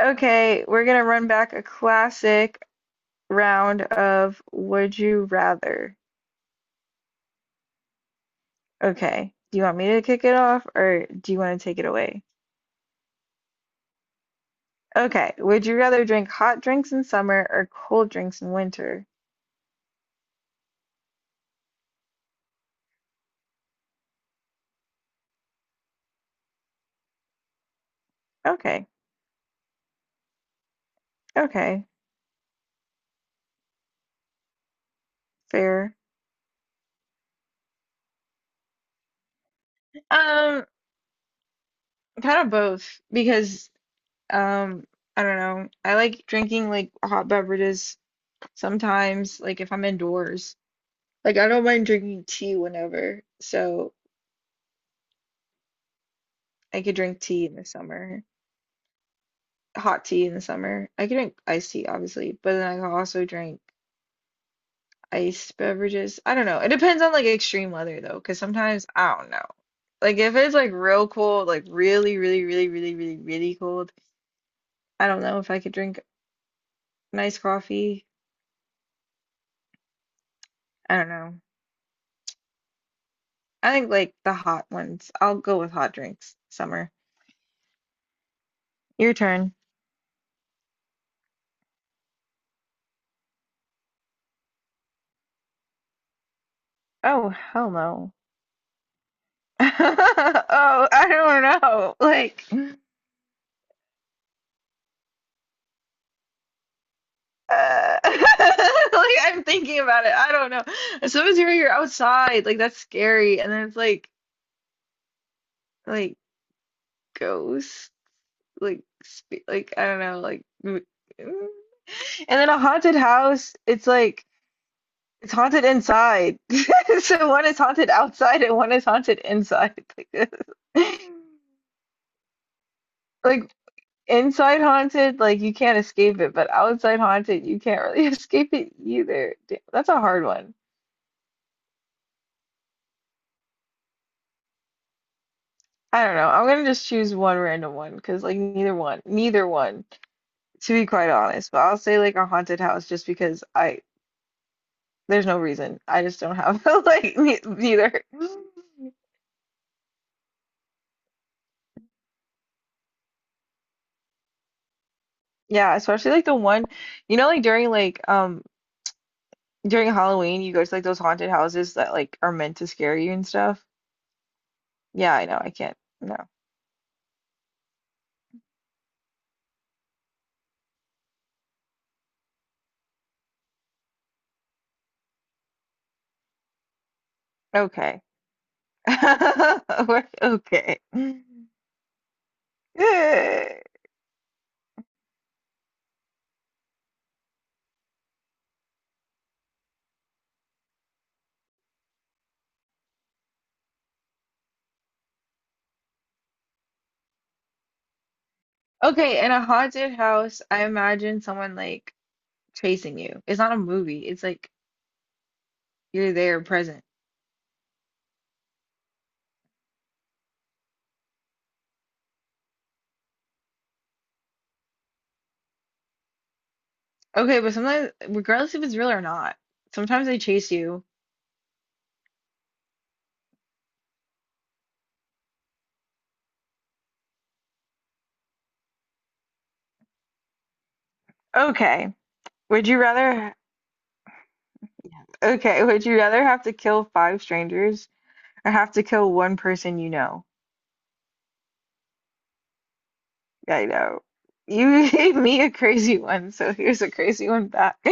Okay, we're gonna run back a classic round of Would You Rather. Okay, do you want me to kick it off or do you want to take it away? Okay, would you rather drink hot drinks in summer or cold drinks in winter? Okay, okay, fair. Um, Kind of both because um, I don't know. I like drinking like hot beverages sometimes, like if I'm indoors. Like I don't mind drinking tea whenever. So I could drink tea in the summer, hot tea in the summer. I could drink iced tea, obviously, but then I could also drink iced beverages. I don't know. It depends on like extreme weather though, because sometimes I don't know. Like if it's like real cold, like really, really, really, really, really, really cold, I don't know if I could drink nice coffee. I don't know. I think like the hot ones. I'll go with hot drinks. Summer. Your turn. Oh, hell no. Oh, I don't know. Like like I'm thinking about it. I don't know. Sometimes you're outside, like that's scary, and then it's like ghosts, like like I don't know, like mm. and then a haunted house. It's like it's haunted inside. So one is haunted outside, and one is haunted inside. Like, like, inside haunted, like you can't escape it, but outside haunted, you can't really escape it either. Damn, that's a hard one. I don't know. I'm gonna just choose one random one because like neither one, neither one, to be quite honest. But I'll say like a haunted house just because I there's no reason. I just don't have like ne neither. Yeah, especially like the one, like during Halloween, you go to like those haunted houses that like are meant to scare you and stuff. Yeah, I know. I can't. No. Okay. Okay. Okay, in a haunted house, I imagine someone like chasing you. It's not a movie. It's like you're there present. Okay, but sometimes, regardless if it's real or not, sometimes they chase you. Okay. Would you rather okay, would you rather have to kill five strangers or have to kill one person you know? Yeah, I know. You gave me a crazy one, so here's a crazy one back.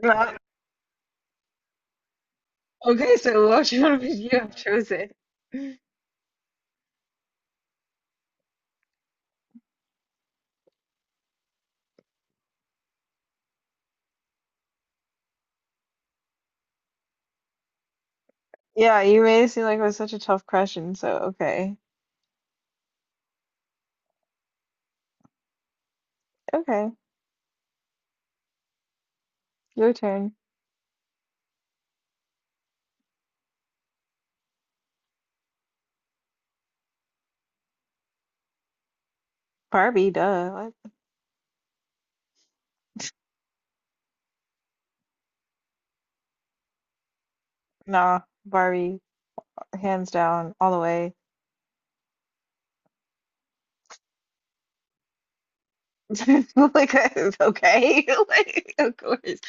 Not. Okay, so which one would you have chosen? Yeah, you made it seem like it was such a tough question, so okay. Okay. Your turn. Barbie, duh. Nah, Barbie, hands down, all the way. Like, okay, like, of course,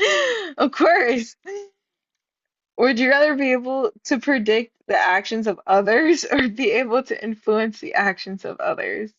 of course. Would you rather be able to predict the actions of others or be able to influence the actions of others?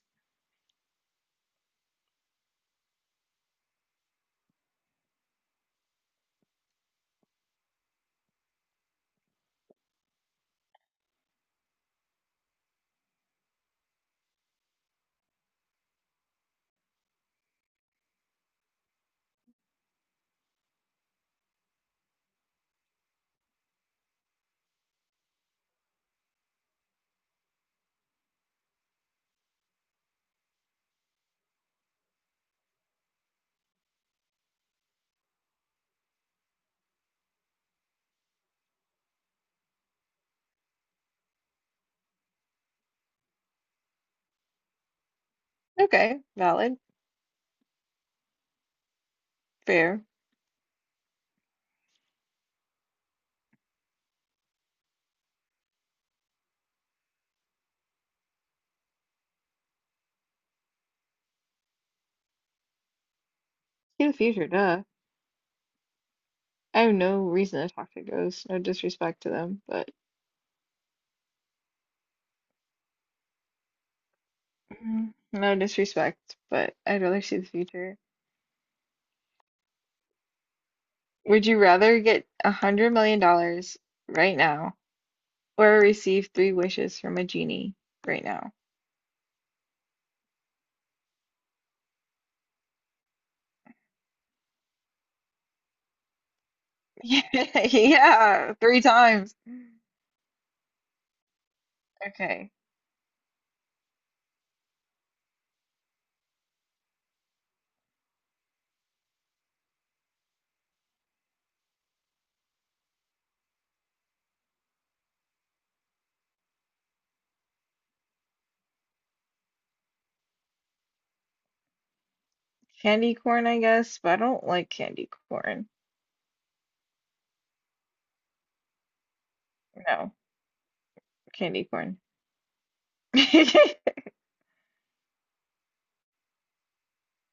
Okay, valid, fair. See the future, duh. I have no reason to talk to ghosts. No disrespect to them, but no disrespect, but I'd rather see the future. Would you rather get $100 million right now? Or receive three wishes from a genie right now. Yeah, three times. Okay. Candy corn, I guess, but I don't like candy corn. No, candy corn.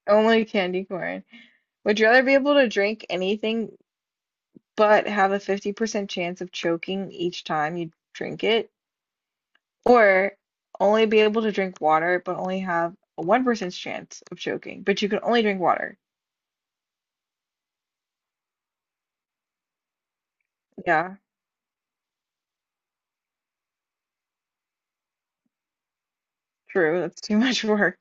Only candy corn. Would you rather be able to drink anything but have a 50% chance of choking each time you drink it? Or only be able to drink water but only have a 1% chance of choking, but you can only drink water? Yeah, true. That's too much work.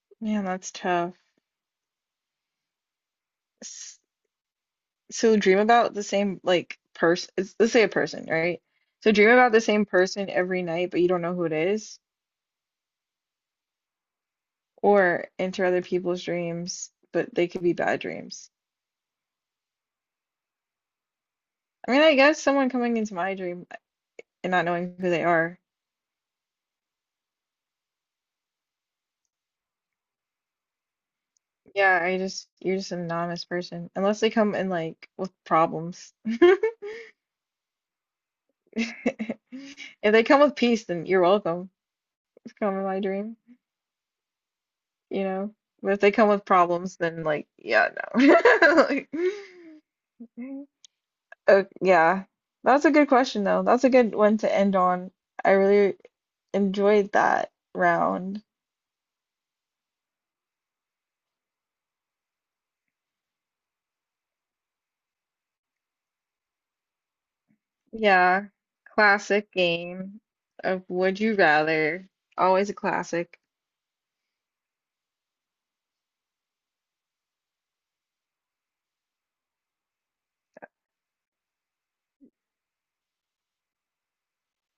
Man, that's tough. S- So dream about the same like person. Let's say a person, right? So dream about the same person every night, but you don't know who it is, or enter other people's dreams, but they could be bad dreams. I mean, I guess someone coming into my dream and not knowing who they are. Yeah, I just you're just an anonymous person, unless they come in like with problems. If they come with peace, then you're welcome. Come in my dream, you know. But if they come with problems, then like, yeah, no. Like, Mhm. Yeah, that's a good question, though. That's a good one to end on. I really enjoyed that round. Yeah, classic game of Would You Rather. Always a classic.